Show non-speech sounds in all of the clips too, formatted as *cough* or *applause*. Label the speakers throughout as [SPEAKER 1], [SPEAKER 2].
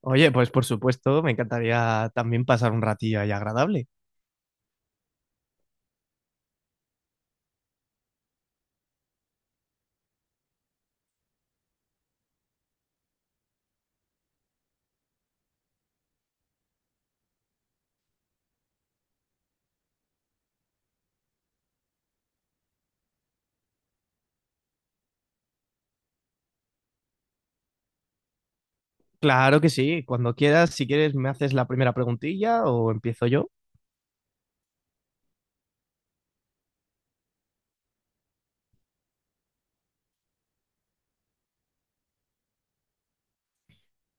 [SPEAKER 1] Oye, pues por supuesto, me encantaría también pasar un ratillo ahí agradable. Claro que sí, cuando quieras, si quieres, me haces la primera preguntilla o empiezo yo.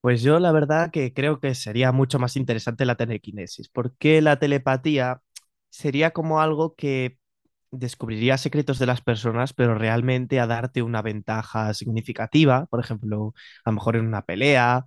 [SPEAKER 1] Pues yo la verdad que creo que sería mucho más interesante la telequinesis, porque la telepatía sería como algo que descubriría secretos de las personas, pero realmente a darte una ventaja significativa, por ejemplo, a lo mejor en una pelea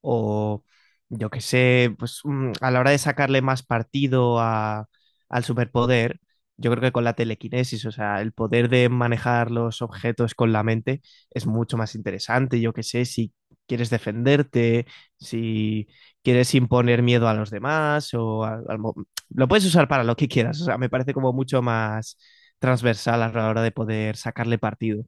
[SPEAKER 1] o yo qué sé, pues a la hora de sacarle más partido al superpoder, yo creo que con la telequinesis, o sea, el poder de manejar los objetos con la mente es mucho más interesante, yo qué sé, si quieres defenderte, si quieres imponer miedo a los demás o lo puedes usar para lo que quieras, o sea, me parece como mucho más transversal a la hora de poder sacarle partido.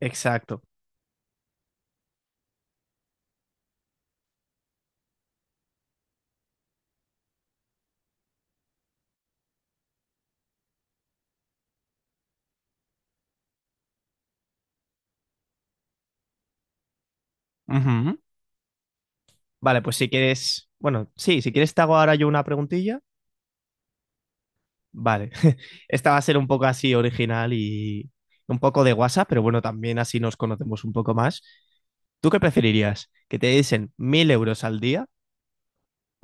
[SPEAKER 1] Exacto. Vale, pues si quieres, bueno, sí, si quieres te hago ahora yo una preguntilla. Vale, *laughs* esta va a ser un poco así original y un poco de WhatsApp, pero bueno, también así nos conocemos un poco más. ¿Tú qué preferirías? ¿Que te diesen 1.000 euros al día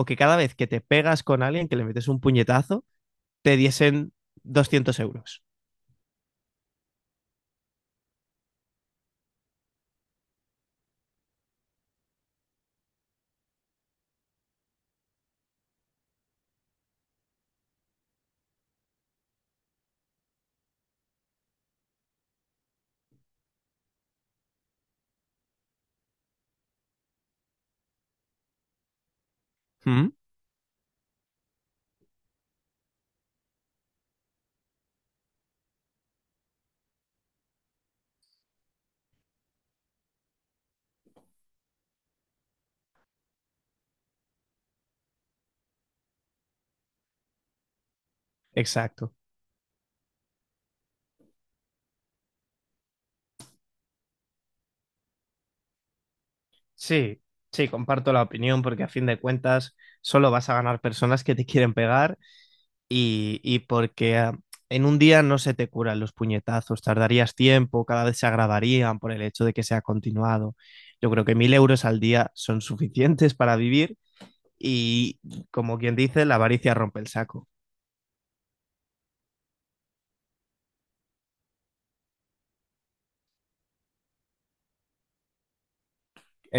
[SPEAKER 1] o que cada vez que te pegas con alguien, que le metes un puñetazo, te diesen 200 euros? ¿Mm? Exacto. Sí, sí, comparto la opinión porque a fin de cuentas solo vas a ganar personas que te quieren pegar y porque en un día no se te curan los puñetazos, tardarías tiempo, cada vez se agravarían por el hecho de que sea continuado. Yo creo que 1.000 euros al día son suficientes para vivir y, como quien dice, la avaricia rompe el saco.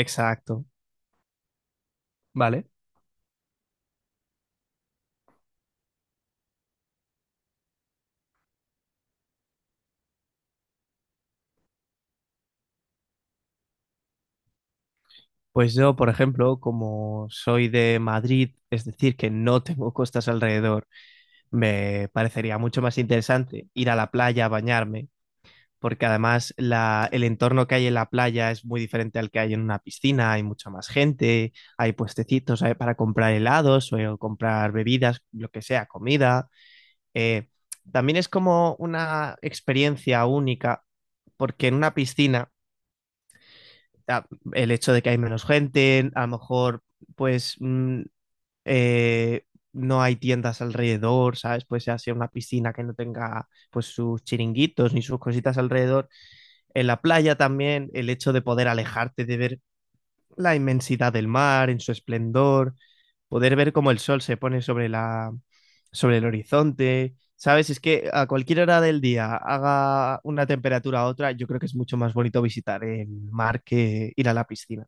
[SPEAKER 1] Exacto, ¿vale? Pues yo, por ejemplo, como soy de Madrid, es decir, que no tengo costas alrededor, me parecería mucho más interesante ir a la playa a bañarme, porque además el entorno que hay en la playa es muy diferente al que hay en una piscina, hay mucha más gente, hay puestecitos hay para comprar helados o comprar bebidas, lo que sea, comida. Eh, también es como una experiencia única, porque en una piscina, ah, el hecho de que hay menos gente, a lo mejor pues eh, no hay tiendas alrededor, ¿sabes? Pues ya sea una piscina que no tenga pues sus chiringuitos ni sus cositas alrededor. En la playa también, el hecho de poder alejarte, de ver la inmensidad del mar en su esplendor, poder ver cómo el sol se pone sobre el horizonte. ¿Sabes? Es que a cualquier hora del día, haga una temperatura u otra, yo creo que es mucho más bonito visitar el mar que ir a la piscina.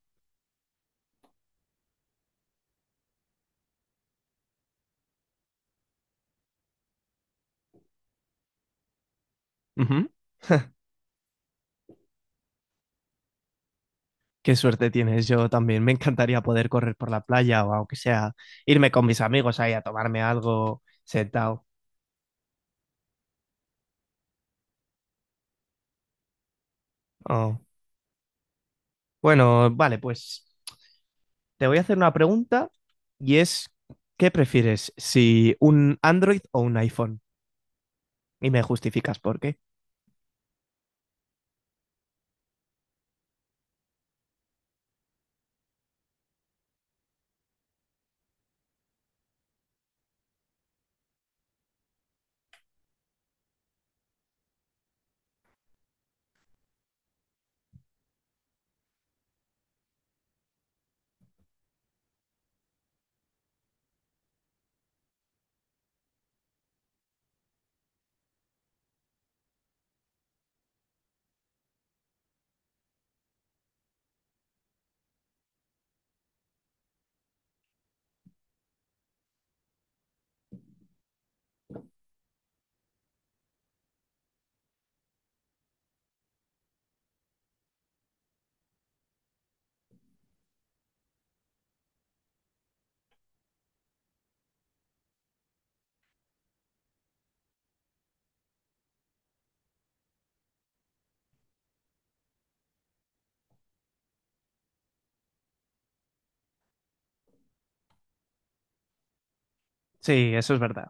[SPEAKER 1] Ujú. Qué suerte tienes, yo también. Me encantaría poder correr por la playa o, aunque sea, irme con mis amigos ahí a tomarme algo sentado. Oh. Bueno, vale, pues te voy a hacer una pregunta y es, ¿qué prefieres, si un Android o un iPhone? Y me justificas por qué. Sí, eso es verdad.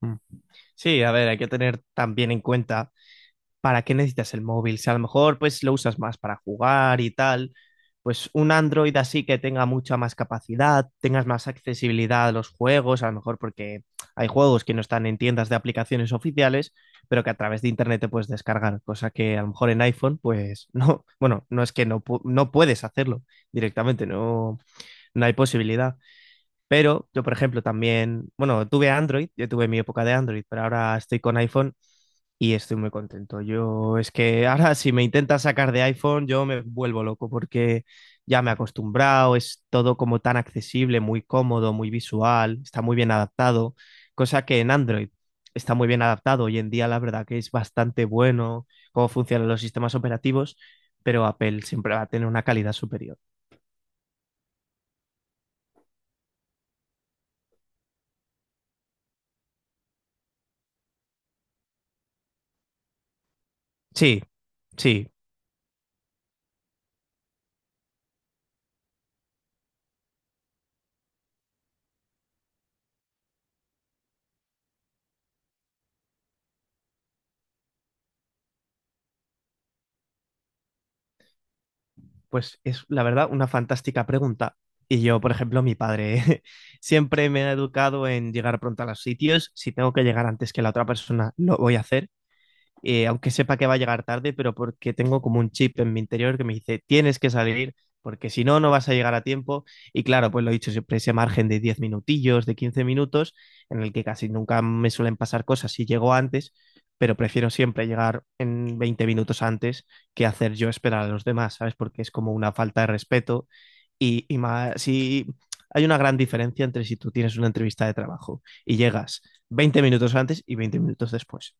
[SPEAKER 1] Mm. Sí, a ver, hay que tener también en cuenta, ¿para qué necesitas el móvil? Si a lo mejor pues lo usas más para jugar y tal, pues un Android así que tenga mucha más capacidad, tengas más accesibilidad a los juegos, a lo mejor porque hay juegos que no están en tiendas de aplicaciones oficiales, pero que a través de internet te puedes descargar, cosa que a lo mejor en iPhone pues *laughs* no, bueno, no es que no, no puedes hacerlo directamente, no, no hay posibilidad. Pero yo, por ejemplo, también, bueno, tuve Android, yo tuve mi época de Android, pero ahora estoy con iPhone y estoy muy contento. Yo es que *laughs* ahora, si me intentas sacar de iPhone, yo me vuelvo loco porque ya me he acostumbrado, es todo como tan accesible, muy cómodo, muy visual, está muy bien adaptado, cosa que en Android está muy bien adaptado. Hoy en día la verdad que es bastante bueno cómo funcionan los sistemas operativos, pero Apple siempre va a tener una calidad superior. Sí, sí. Pues es, la verdad, una fantástica pregunta. Y yo, por ejemplo, mi padre *laughs* siempre me ha educado en llegar pronto a los sitios. Si tengo que llegar antes que la otra persona, lo voy a hacer, aunque sepa que va a llegar tarde, pero porque tengo como un chip en mi interior que me dice, tienes que salir, porque si no, no vas a llegar a tiempo. Y claro, pues lo he dicho, siempre ese margen de 10 minutillos, de 15 minutos, en el que casi nunca me suelen pasar cosas si llego antes, pero prefiero siempre llegar en 20 minutos antes que hacer yo esperar a los demás, ¿sabes? Porque es como una falta de respeto y más, si... Hay una gran diferencia entre si tú tienes una entrevista de trabajo y llegas 20 minutos antes y 20 minutos después.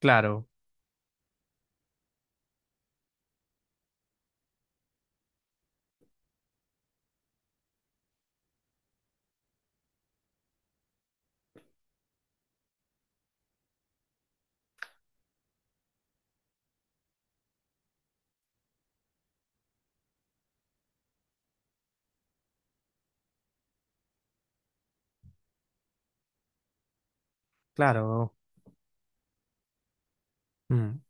[SPEAKER 1] Claro. Claro. Mm.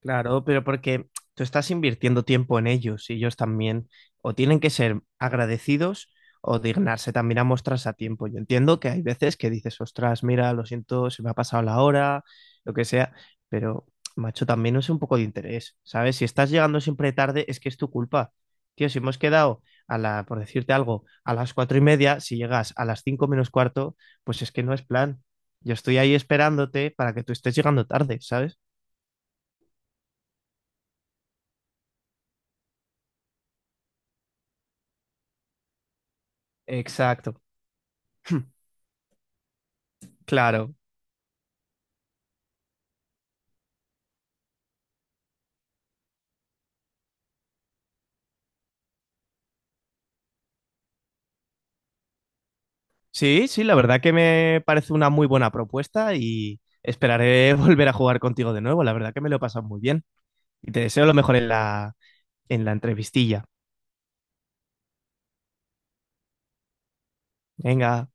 [SPEAKER 1] Claro, pero porque tú estás invirtiendo tiempo en ellos, y ellos también o tienen que ser agradecidos o dignarse también a mostrarse a tiempo. Yo entiendo que hay veces que dices, ostras, mira, lo siento, se me ha pasado la hora, lo que sea, pero, macho, también es un poco de interés, ¿sabes? Si estás llegando siempre tarde, es que es tu culpa. Tío, si hemos quedado por decirte algo, a las 4:30, si llegas a las 4:45, pues es que no es plan. Yo estoy ahí esperándote para que tú estés llegando tarde, ¿sabes? Exacto. Claro. Sí, sí, la verdad que me parece una muy buena propuesta y esperaré *laughs* volver a jugar contigo de nuevo. La verdad que me lo he pasado muy bien y te deseo lo mejor en la, entrevistilla. Venga.